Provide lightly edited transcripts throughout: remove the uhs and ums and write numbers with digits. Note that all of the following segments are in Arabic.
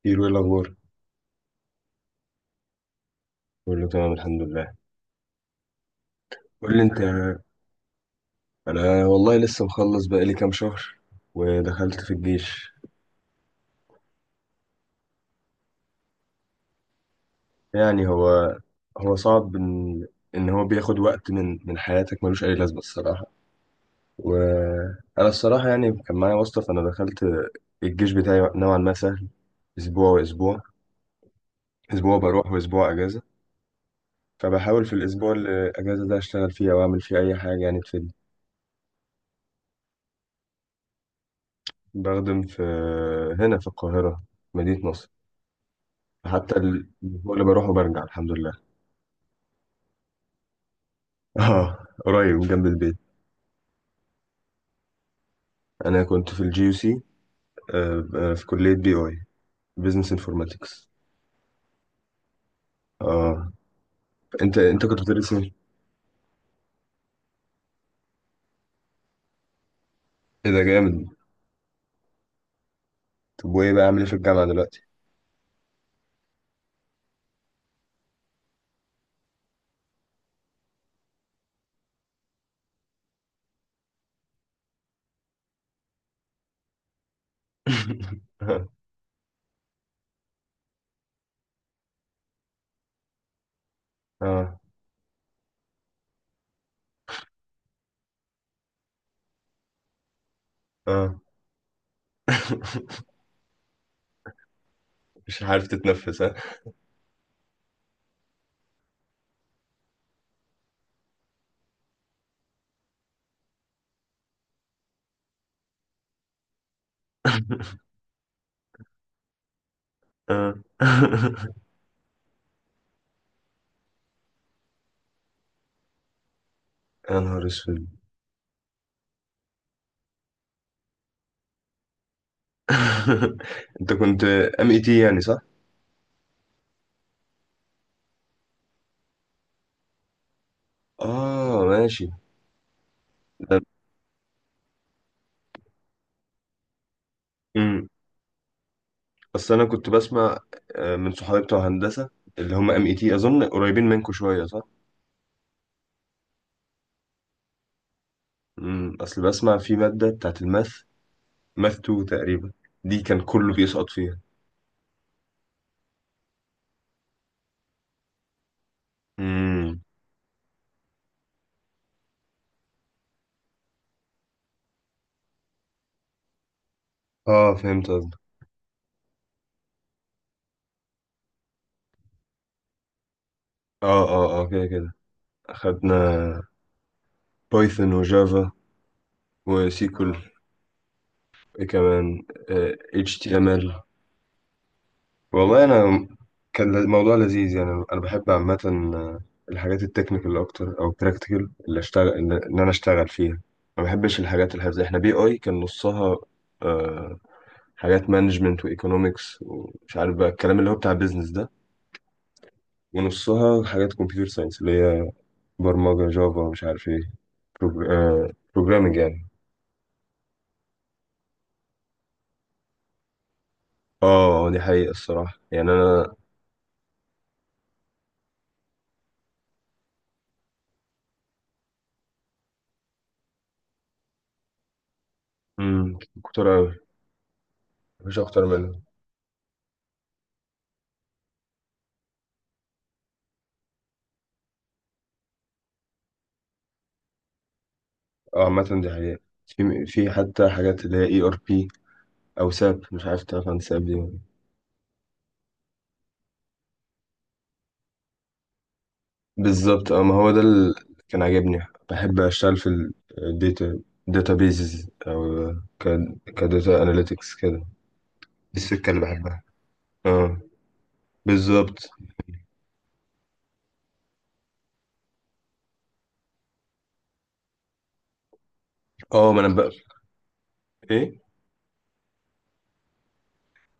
كتير، ايه الاخبار؟ كله تمام، الحمد لله. قول لي انت. انا والله لسه مخلص بقالي كام شهر، ودخلت في الجيش. يعني هو صعب ان هو بياخد وقت من حياتك، ملوش اي لازمه الصراحه. وانا الصراحه يعني كان معايا واسطه، فانا دخلت الجيش بتاعي نوعا ما سهل. اسبوع واسبوع، اسبوع بروح واسبوع اجازه. فبحاول في الاسبوع الاجازه ده اشتغل فيه، او اعمل فيه اي حاجه يعني تفيدني. بخدم هنا في القاهره، مدينه نصر. حتى الأسبوع اللي بروح وبرجع، الحمد لله. اه، قريب من جنب البيت. انا كنت في الجي يو سي، في كلية بي اي، بزنس انفورماتكس. اه، انت كنت بتدرس ايه؟ إيه ده جامد! طب، وايه بقى عامل ايه في الجامعة دلوقتي؟ اه اه مش عارف تتنفس، ها. اه يا نهار اسود. انت كنت ام اي تي يعني، صح؟ اه، ماشي. ده- مم. بس انا كنت بسمع من صحابي بتوع هندسه، اللي هم ام اي تي، اظن قريبين منكم شويه، صح؟ اصل بسمع في ماده بتاعت الماث، ماث 2 تقريبا. دي كان كله بيسقط فيها. امم. اه، فهمت قصدك. اه اه اه، كده كده اخدنا بايثون وجافا وسيكول. اه، ايه كمان؟ اتش تي ام ال. والله انا، كان الموضوع لذيذ يعني. انا بحب عامه آه، الحاجات التكنيكال اكتر، او البراكتيكال، اللي انا اشتغل فيها. ما بحبش الحاجات الحفظيه. احنا بي اي كان نصها آه، حاجات مانجمنت وايكونومكس، ومش عارف بقى الكلام اللي هو بتاع بيزنس ده. ونصها حاجات كمبيوتر ساينس اللي هي برمجه جافا مش عارف ايه، بروجرامنج يعني. اه، دي حقيقه الصراحه، يعني انا. مم، كنت أوي. مفيش اكتر منها. اه، عامة دي حقيقة. في حتى حاجات اللي هي اي ار بي، او ساب، مش عارف تعرف عن ساب دي ولا لأ. بالظبط، اه، ما هو ده اللي كان عاجبني. بحب اشتغل في الداتا، داتا بيزز، او ك كداتا اناليتكس كده. دي السكة اللي بحبها. اه، بالظبط. اه، ما انا بقى، ايه،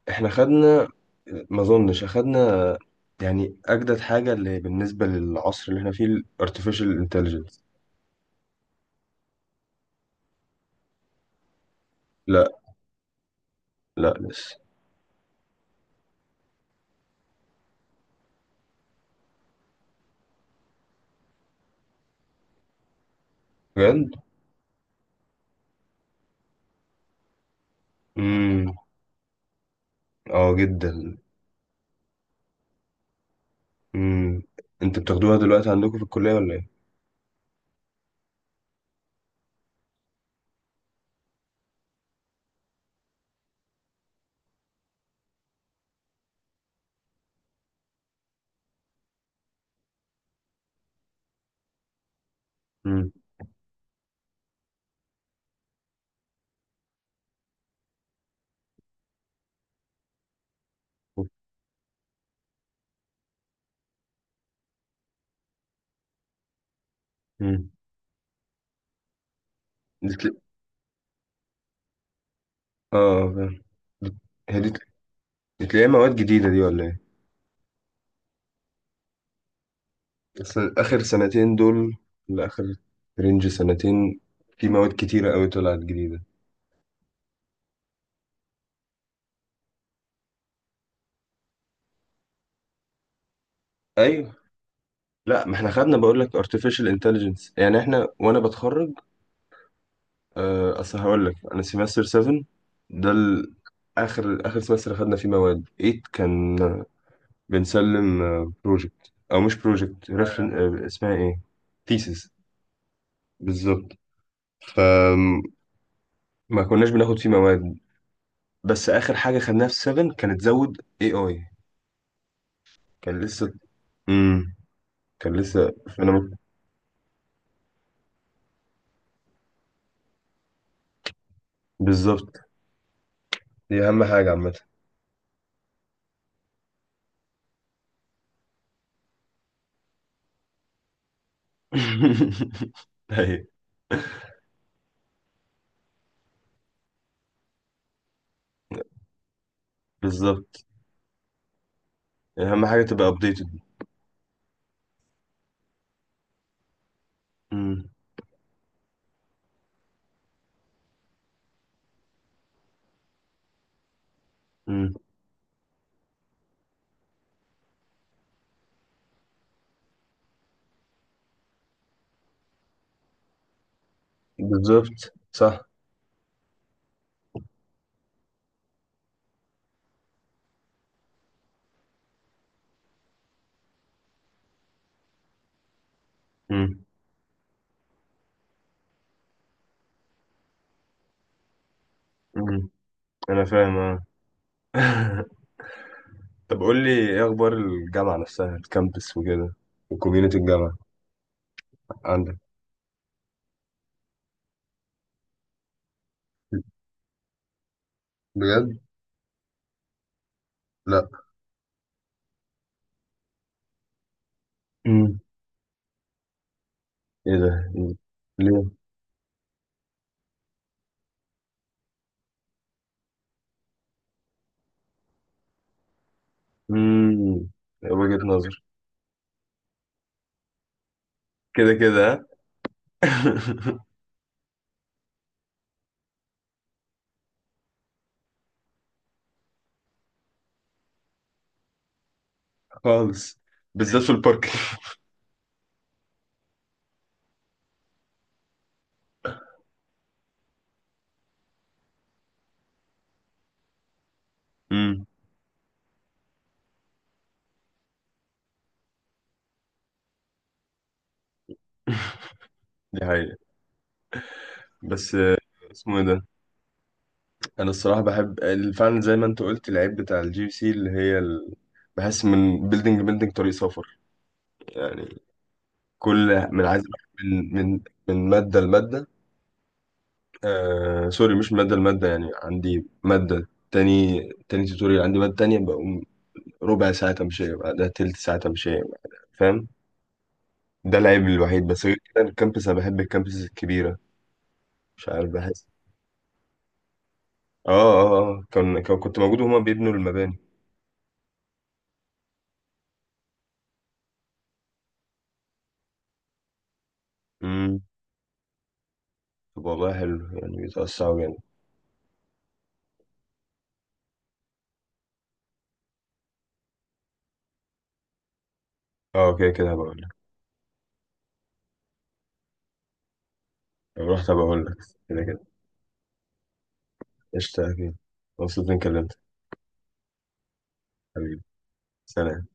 احنا خدنا، ما اظنش اخدنا. يعني اجدد حاجة اللي بالنسبة للعصر اللي احنا فيه، الارتفيشال انتليجنس. لا، لا لسه. بجد؟ امم، اه جدا. امم، انتوا بتاخدوها دلوقتي عندكم في الكلية ولا ايه؟ امم. امم. دي تل... اه، فاهم. دي- هي دي، دي تلاقيها مواد جديدة دي ولا ايه؟ بس آخر سنتين دول، لآخر رينج سنتين، في مواد كتيرة قوي طلعت جديدة. ايوه، لا ما احنا خدنا، بقول لك artificial intelligence، يعني احنا، وانا بتخرج. اصل هقول لك انا سيمستر 7. ده ال- اخر سمستر خدنا فيه مواد 8، كان بنسلم بروجكت، او مش بروجكت، ريفرن اسمها ايه، ثيسز. بالظبط. فما كناش بناخد فيه مواد، بس اخر حاجه خدناها في 7 كانت زود اي اي. كان لسه. امم كان لسه. فانا مت- بالظبط. دي اهم حاجه عامه. ايوه، بالظبط. اهم حاجه تبقى ابديتد. امم. امم. بالظبط، صح. امم. امم. انا فاهم، اه. طب، قول لي ايه اخبار الجامعه نفسها، الكامبس وكده، وكوميونتي الجامعه عندك. بجد؟ لا. امم، ايه ده؟ ليه؟ امم، وجهه نظر. كده كده، ها؟ خالص. بالذات في البارك. امم، دي حقيقة. بس اسمه ايه ده. انا الصراحه بحب فعلا زي ما انت قلت، العيب بتاع الجي سي اللي هي بحس من بيلدينج بيلدينج طريق سفر، يعني. كل من عايز أروح من ماده لماده. سوري، مش مادة، المادة يعني عندي مادة تاني، تاني توتوريال. عندي مادة تانية بقوم ربع ساعة تمشية بعدها، تلت ساعة تمشية بعدها، فاهم. ده العيب الوحيد. بس غير كده الكامبس، أنا بحب الكامبس الكبيرة، مش عارف، بحس. اه اه اه، كنت موجود وهما بيبنوا المباني. امم. طب والله حلو، يعني بيتوسعوا جامد. اه، كده كده هبقول لك. لو رحت هبقول لك. كده كده. قشطة يا كده. مبسوط إني كلمتك. حبيبي، سلام.